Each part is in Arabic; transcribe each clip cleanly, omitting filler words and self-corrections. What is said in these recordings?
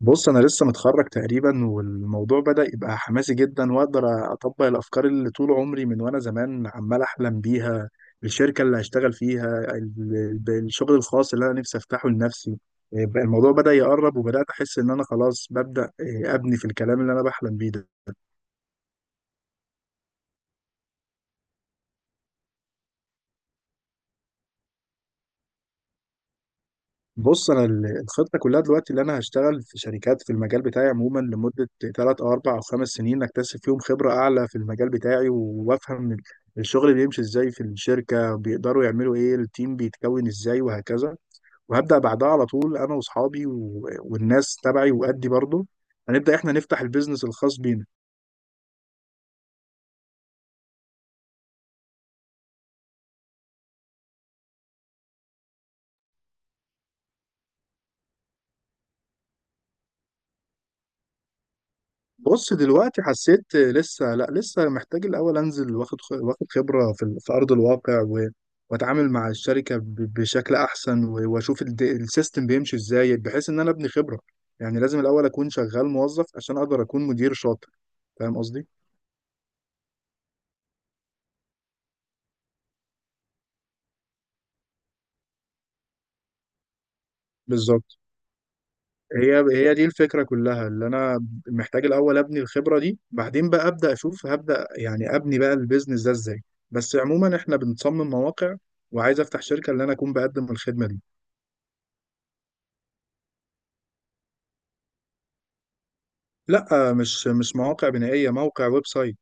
بص، انا لسه متخرج تقريبا، والموضوع بدأ يبقى حماسي جدا، واقدر اطبق الافكار اللي طول عمري من وانا زمان عمال احلم بيها. الشركة اللي هشتغل فيها الشغل الخاص اللي انا نفسي افتحه لنفسي. الموضوع بدأ يقرب، وبدأت احس ان انا خلاص ببدأ ابني في الكلام اللي انا بحلم بيه ده. بص، انا الخطه كلها دلوقتي، اللي انا هشتغل في شركات في المجال بتاعي عموما لمده 3 أو 4 أو 5 سنين، اكتسب فيهم خبره اعلى في المجال بتاعي، و- وافهم الشغل بيمشي ازاي، في الشركه بيقدروا يعملوا ايه، التيم بيتكون ازاي، وهكذا. وهبدا بعدها على طول انا واصحابي و- والناس تبعي وادي برضه، هنبدا احنا نفتح البيزنس الخاص بينا. بص، دلوقتي حسيت لسه، لا، لسه محتاج الاول انزل، واخد خبره في ارض الواقع، و- واتعامل مع الشركه بشكل احسن، و- واشوف السيستم بيمشي ازاي، بحيث ان انا ابني خبره. يعني لازم الاول اكون شغال موظف عشان اقدر اكون مدير شاطر. فاهم قصدي؟ بالظبط. هي هي دي الفكره كلها، اللي انا محتاج الاول ابني الخبره دي، بعدين بقى ابدا اشوف هبدا يعني ابني بقى البيزنس ده ازاي. بس عموما احنا بنصمم مواقع، وعايز افتح شركه اللي انا اكون بقدم الخدمه دي. لا، مش مواقع بنائية، موقع ويب سايت.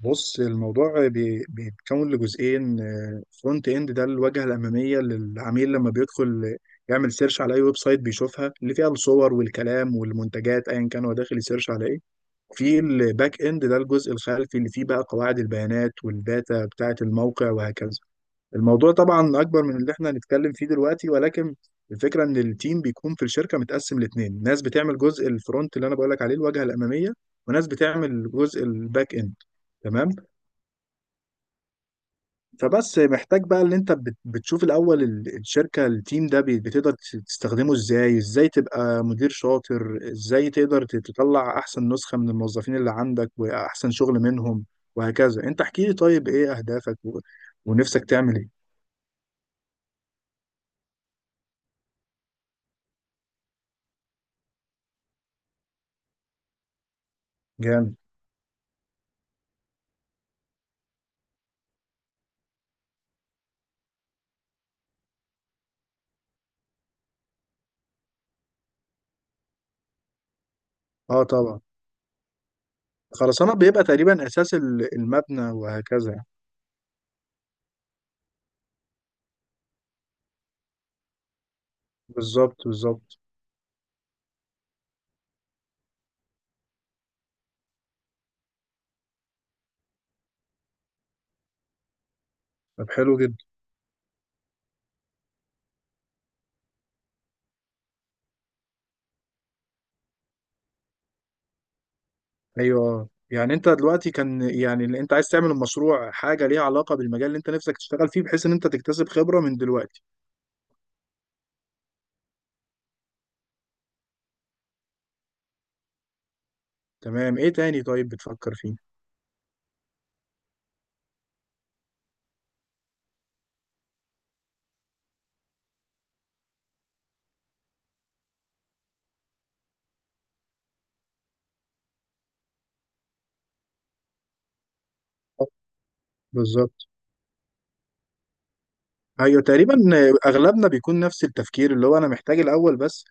بص، الموضوع بيتكون لجزئين. فرونت اند ده الواجهة الأمامية للعميل لما بيدخل يعمل سيرش على أي ويب سايت، بيشوفها اللي فيها الصور والكلام والمنتجات، أيا كان هو داخل يسيرش على إيه. في الباك اند ده الجزء الخلفي اللي فيه بقى قواعد البيانات والداتا بتاعة الموقع وهكذا. الموضوع طبعا اكبر من اللي احنا هنتكلم فيه دلوقتي، ولكن الفكره ان التيم بيكون في الشركه متقسم لاتنين، ناس بتعمل جزء الفرونت اللي انا بقولك عليه الواجهه الاماميه، وناس بتعمل جزء الباك اند. تمام. فبس محتاج بقى ان انت بتشوف الاول الشركه، التيم ده بتقدر تستخدمه ازاي، ازاي تبقى مدير شاطر، ازاي تقدر تطلع احسن نسخه من الموظفين اللي عندك واحسن شغل منهم، وهكذا. انت احكي لي طيب ايه اهدافك ونفسك تعمل ايه. جامد. اه طبعا. خرسانة بيبقى تقريبا أساس المبنى وهكذا. بالظبط، بالظبط. طب، حلو جدا. أيوه، آه. يعني أنت دلوقتي كان يعني اللي أنت عايز تعمل المشروع حاجة ليها علاقة بالمجال اللي أنت نفسك تشتغل فيه، بحيث إن أنت تكتسب خبرة من دلوقتي. تمام، إيه تاني طيب بتفكر فيه؟ بالظبط. ايوه، تقريبا اغلبنا بيكون نفس التفكير، اللي هو انا محتاج الاول بس،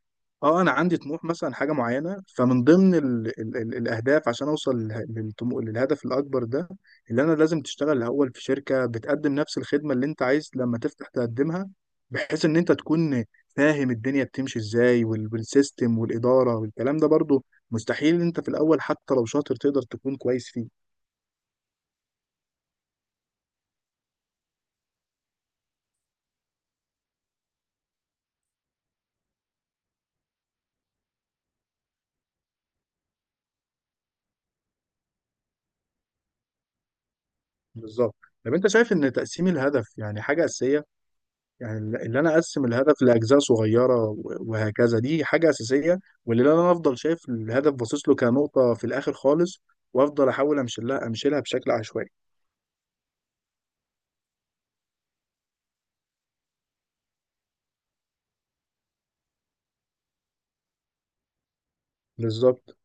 اه، انا عندي طموح مثلا حاجه معينه، فمن ضمن ال ال ال الاهداف عشان اوصل للهدف الاكبر ده، اللي انا لازم تشتغل الاول في شركه بتقدم نفس الخدمه اللي انت عايز لما تفتح تقدمها، بحيث ان انت تكون فاهم الدنيا بتمشي ازاي، وال- والسيستم والاداره والكلام ده برضو. مستحيل انت في الاول حتى لو شاطر تقدر تكون كويس فيه. بالظبط. طب، انت شايف ان تقسيم الهدف يعني حاجه اساسيه؟ يعني اللي انا اقسم الهدف لاجزاء صغيره و- وهكذا دي حاجه اساسيه، واللي انا افضل شايف الهدف باصص له كنقطه في الاخر خالص، وافضل احاول امشلها بشكل عشوائي. بالظبط،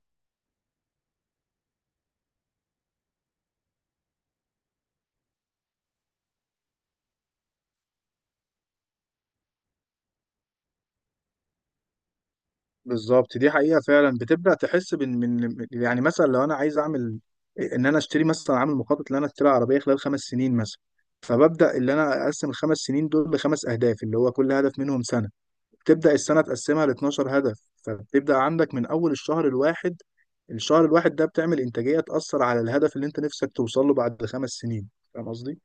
بالظبط. دي حقيقه، فعلا بتبدا تحس بان من يعني مثلا لو انا عايز اعمل ان انا اشتري مثلا، عامل مخطط ان انا اشتري عربيه خلال 5 سنين مثلا، فببدا اللي انا اقسم الخمس سنين دول لخمس اهداف، اللي هو كل هدف منهم سنه. تبدأ السنة تقسمها ل 12 هدف، فبتبدأ عندك من أول الشهر الواحد. الشهر الواحد ده بتعمل إنتاجية تأثر على الهدف اللي أنت نفسك توصل له بعد 5 سنين. فاهم قصدي؟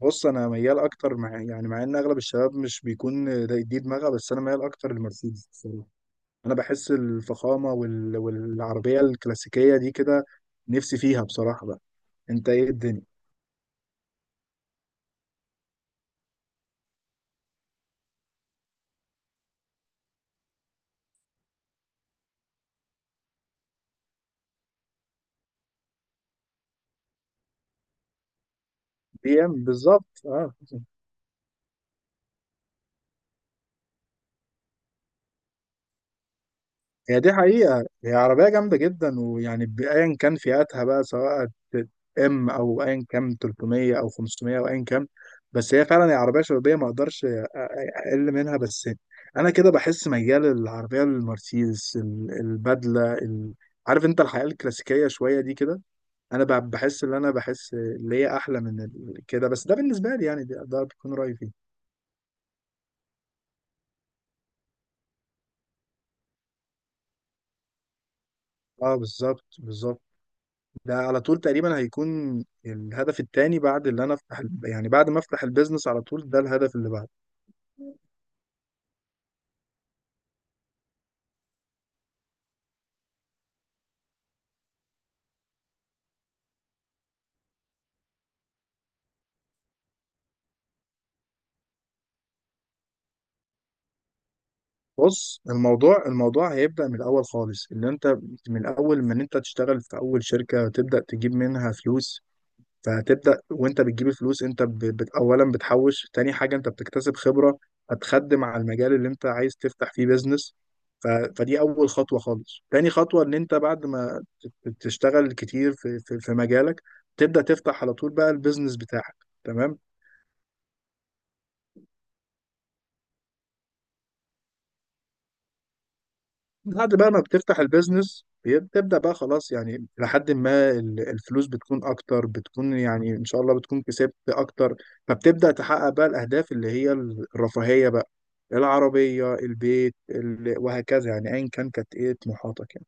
بص، أنا ميال أكتر مع إن أغلب الشباب مش بيكون دي دماغها، بس أنا ميال أكتر لمرسيدس بصراحة. أنا بحس الفخامة وال... والعربية الكلاسيكية دي كده، نفسي فيها بصراحة بقى. أنت إيه الدنيا؟ بي إم، بالظبط، أه. هي دي حقيقة، هي عربية جامدة جدا، ويعني بأيا كان فئاتها بقى، سواء ام او ايا كان 300 او 500 او ايا كان، بس هي فعلا هي عربية شبابية، ما اقدرش اقل منها. بس انا كده بحس ميال للعربية المرسيدس، البدلة، عارف انت الحياة الكلاسيكية شوية دي كده. انا بحس ان انا بحس اللي هي احلى من كده، بس ده بالنسبة لي يعني ده بيكون رأيي فيه. اه، بالظبط، بالظبط. ده على طول تقريبا هيكون الهدف التاني، بعد اللي انا يعني بعد ما افتح البيزنس على طول، ده الهدف اللي بعده. بص، الموضوع هيبدأ من الاول خالص، اللي انت من الاول من انت تشتغل في اول شركة تبدأ تجيب منها فلوس. فهتبدأ وانت بتجيب الفلوس انت اولا بتحوش، تاني حاجة انت بتكتسب خبرة هتخدم على المجال اللي انت عايز تفتح فيه بيزنس. ف... فدي اول خطوة خالص. تاني خطوة ان انت بعد ما تشتغل كتير في مجالك، تبدأ تفتح على طول بقى البيزنس بتاعك. تمام. بعد بقى ما بتفتح البيزنس بتبدأ بقى خلاص يعني لحد ما الفلوس بتكون أكتر، بتكون يعني إن شاء الله بتكون كسبت أكتر، فبتبدأ تحقق بقى الأهداف اللي هي الرفاهية بقى: العربية، البيت، وهكذا يعني، أيا كان كانت إيه طموحاتك يعني.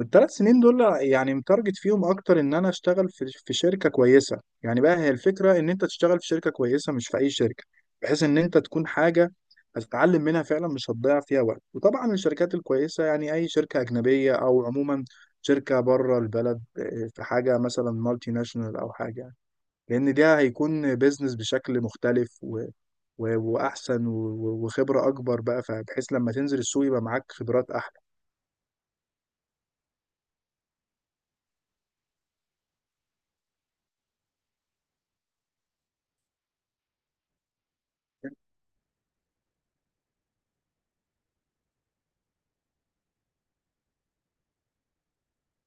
الثلاث سنين دول يعني متارجت فيهم اكتر ان انا اشتغل في شركه كويسه، يعني بقى هي الفكره ان انت تشتغل في شركه كويسه، مش في اي شركه، بحيث ان انت تكون حاجه هتتعلم منها فعلا، مش هتضيع فيها وقت. وطبعا الشركات الكويسه يعني اي شركه اجنبيه، او عموما شركه بره البلد، إيه، في حاجه مثلا مالتي ناشونال او حاجه يعني. لان ده هيكون بيزنس بشكل مختلف و... و... واحسن، وخبره اكبر بقى، فبحيث لما تنزل السوق يبقى معاك خبرات.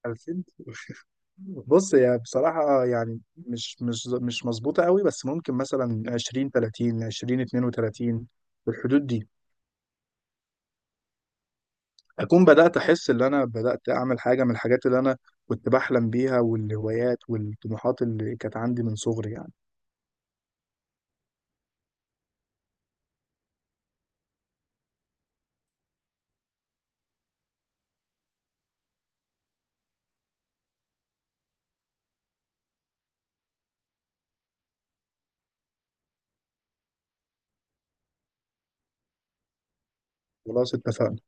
احلى. بص، هي بصراحة يعني مش مظبوطة قوي، بس ممكن مثلا 20 30 20 32، في الحدود دي، أكون بدأت أحس إن أنا بدأت أعمل حاجة من الحاجات اللي أنا كنت بحلم بيها، والهوايات والطموحات اللي كانت عندي من صغري يعني. خلاص، اتفقنا.